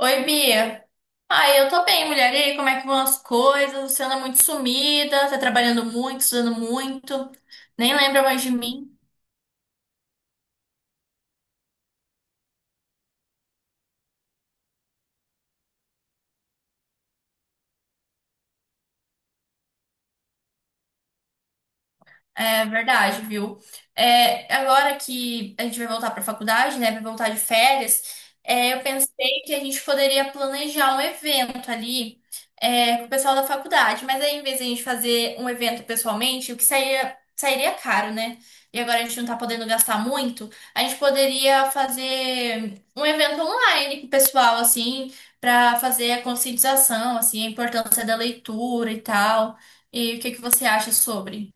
Oi, Bia. Ai, eu tô bem, mulher. E aí, como é que vão as coisas? Você anda muito sumida, tá trabalhando muito, estudando muito, nem lembra mais de mim. É verdade, viu? Agora que a gente vai voltar para a faculdade, né? Vai voltar de férias, eu pensei que a gente poderia planejar um evento ali, com o pessoal da faculdade, mas aí, em vez de a gente fazer um evento pessoalmente, o que sairia caro, né? E agora a gente não tá podendo gastar muito, a gente poderia fazer um evento online com o pessoal, assim, para fazer a conscientização, assim, a importância da leitura e tal. E o que que você acha sobre?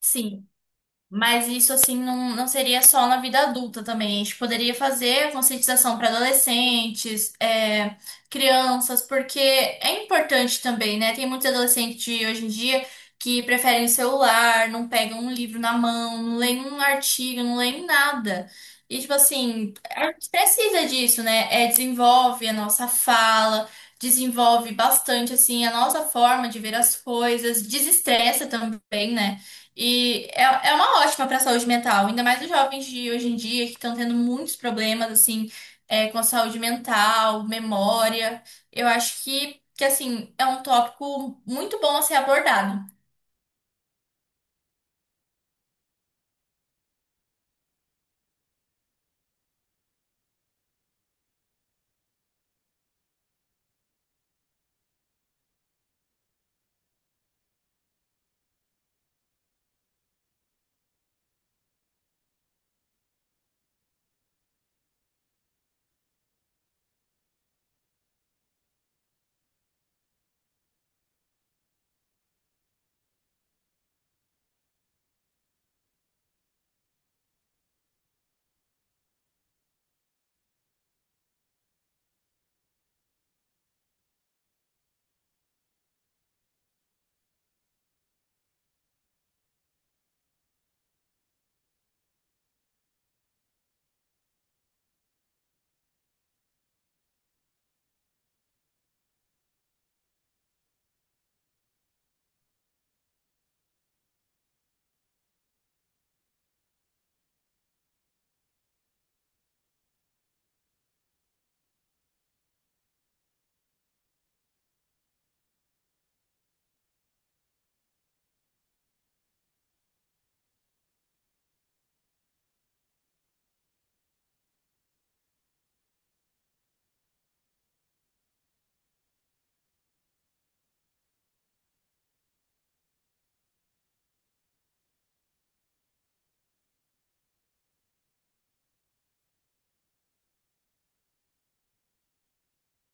Sim. Mas isso, assim, não seria só na vida adulta também. A gente poderia fazer conscientização para adolescentes, é, crianças, porque é importante também, né? Tem muitos adolescentes de hoje em dia que preferem o celular, não pegam um livro na mão, não leem um artigo, não leem nada. E, tipo assim, a gente precisa disso, né? É, desenvolve a nossa fala, desenvolve bastante, assim, a nossa forma de ver as coisas, desestressa também, né? E é, é uma ótima para a saúde mental, ainda mais os jovens de hoje em dia que estão tendo muitos problemas assim com a saúde mental, memória. Eu acho que assim é um tópico muito bom a ser abordado.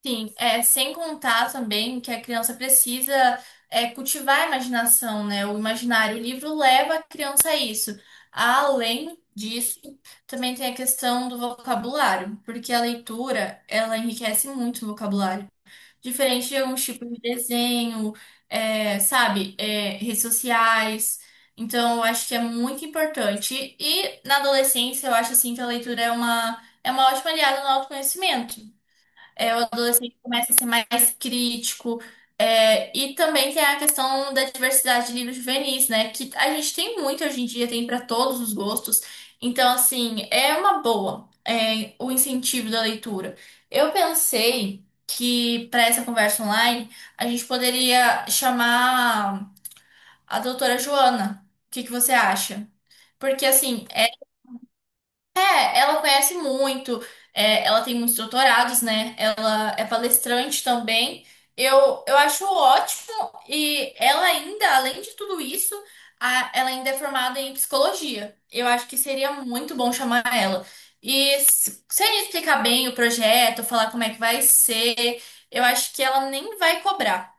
Sim, é, sem contar também que a criança precisa cultivar a imaginação, né? O imaginário. O livro leva a criança a isso. Além disso, também tem a questão do vocabulário, porque a leitura ela enriquece muito o vocabulário. Diferente de alguns tipos de desenho, é, sabe, é, redes sociais. Então, eu acho que é muito importante. E na adolescência, eu acho assim que a leitura é uma ótima aliada no autoconhecimento. É, o adolescente começa a ser mais crítico. É, e também tem a questão da diversidade de livros juvenis, né? Que a gente tem muito hoje em dia, tem para todos os gostos. Então, assim, é uma boa, é, o incentivo da leitura. Eu pensei que para essa conversa online a gente poderia chamar a doutora Joana. O que que você acha? Porque, assim, é, ela conhece muito, é, ela tem muitos doutorados, né? Ela é palestrante também. Eu acho ótimo, e ela ainda, além de tudo isso, ela ainda é formada em psicologia. Eu acho que seria muito bom chamar ela. E se a gente explicar bem o projeto, falar como é que vai ser, eu acho que ela nem vai cobrar.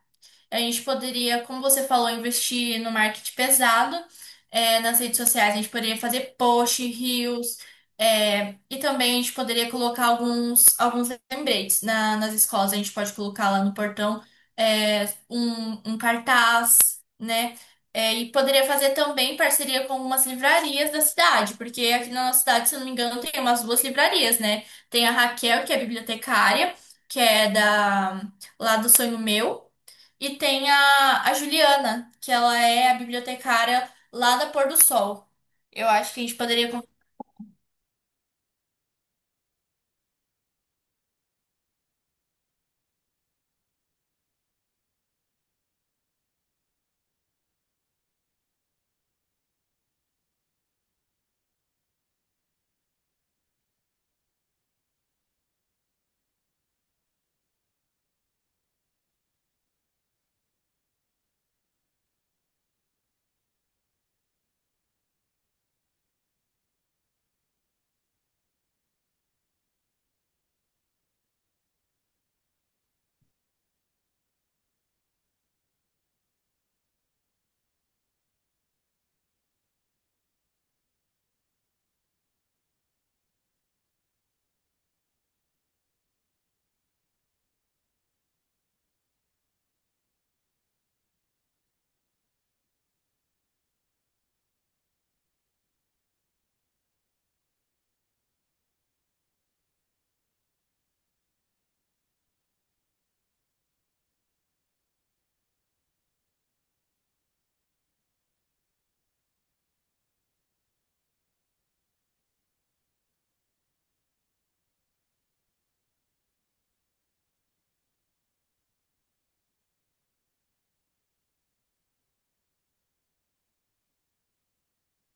A gente poderia, como você falou, investir no marketing pesado, é, nas redes sociais. A gente poderia fazer post, reels, é, e também a gente poderia colocar alguns lembretes nas escolas. A gente pode colocar lá no portão, é, um cartaz, né? É, e poderia fazer também parceria com algumas livrarias da cidade, porque aqui na nossa cidade, se eu não me engano, tem umas duas livrarias, né? Tem a Raquel, que é bibliotecária, que é da, lá do Sonho Meu. E tem a Juliana, que ela é a bibliotecária lá da Pôr do Sol. Eu acho que a gente poderia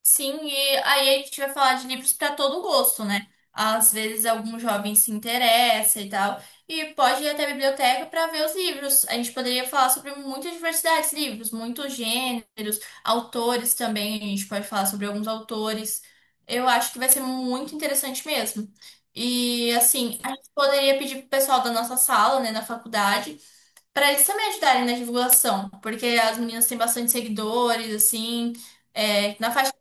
sim, e aí a gente vai falar de livros para todo gosto, né? Às vezes algum jovem se interessa e tal, e pode ir até a biblioteca para ver os livros. A gente poderia falar sobre muita diversidade de livros, muitos gêneros, autores também, a gente pode falar sobre alguns autores. Eu acho que vai ser muito interessante mesmo. E assim, a gente poderia pedir pro pessoal da nossa sala, né, na faculdade, para eles também ajudarem na divulgação, porque as meninas têm bastante seguidores, assim, é, na faixa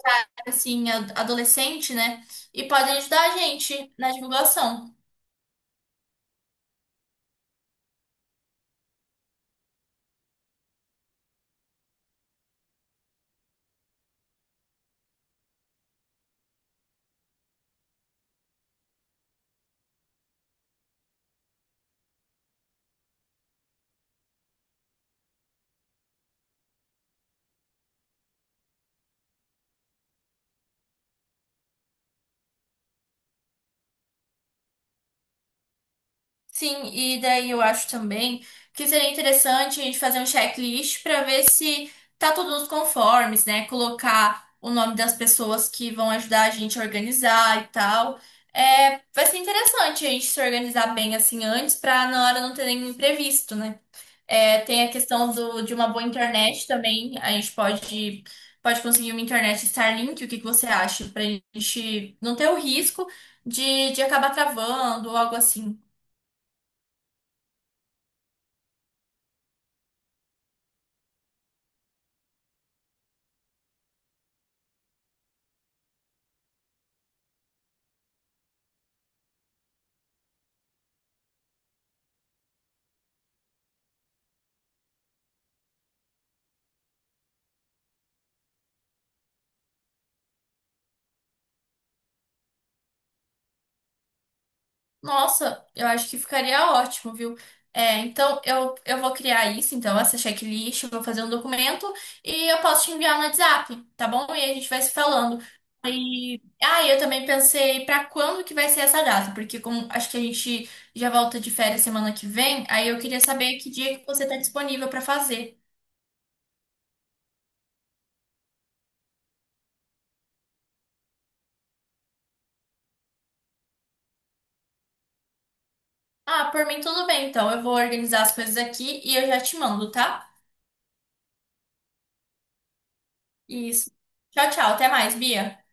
assim, adolescente, né? E podem ajudar a gente na divulgação. Sim, e daí eu acho também que seria interessante a gente fazer um checklist para ver se tá tudo nos conformes, né? Colocar o nome das pessoas que vão ajudar a gente a organizar e tal. É, vai ser interessante a gente se organizar bem assim antes para na hora não ter nenhum imprevisto, né? É, tem a questão do, de uma boa internet também. A gente pode, pode conseguir uma internet Starlink, o que que você acha? Pra gente não ter o risco de acabar travando ou algo assim. Nossa, eu acho que ficaria ótimo, viu? É, então eu vou criar isso, então, essa checklist, eu vou fazer um documento e eu posso te enviar no WhatsApp, tá bom? E aí a gente vai se falando. E ah, eu também pensei pra quando que vai ser essa data, porque como acho que a gente já volta de férias semana que vem, aí eu queria saber que dia que você tá disponível pra fazer. Ah, por mim tudo bem, então eu vou organizar as coisas aqui e eu já te mando, tá? Isso. Tchau, tchau, até mais, Bia.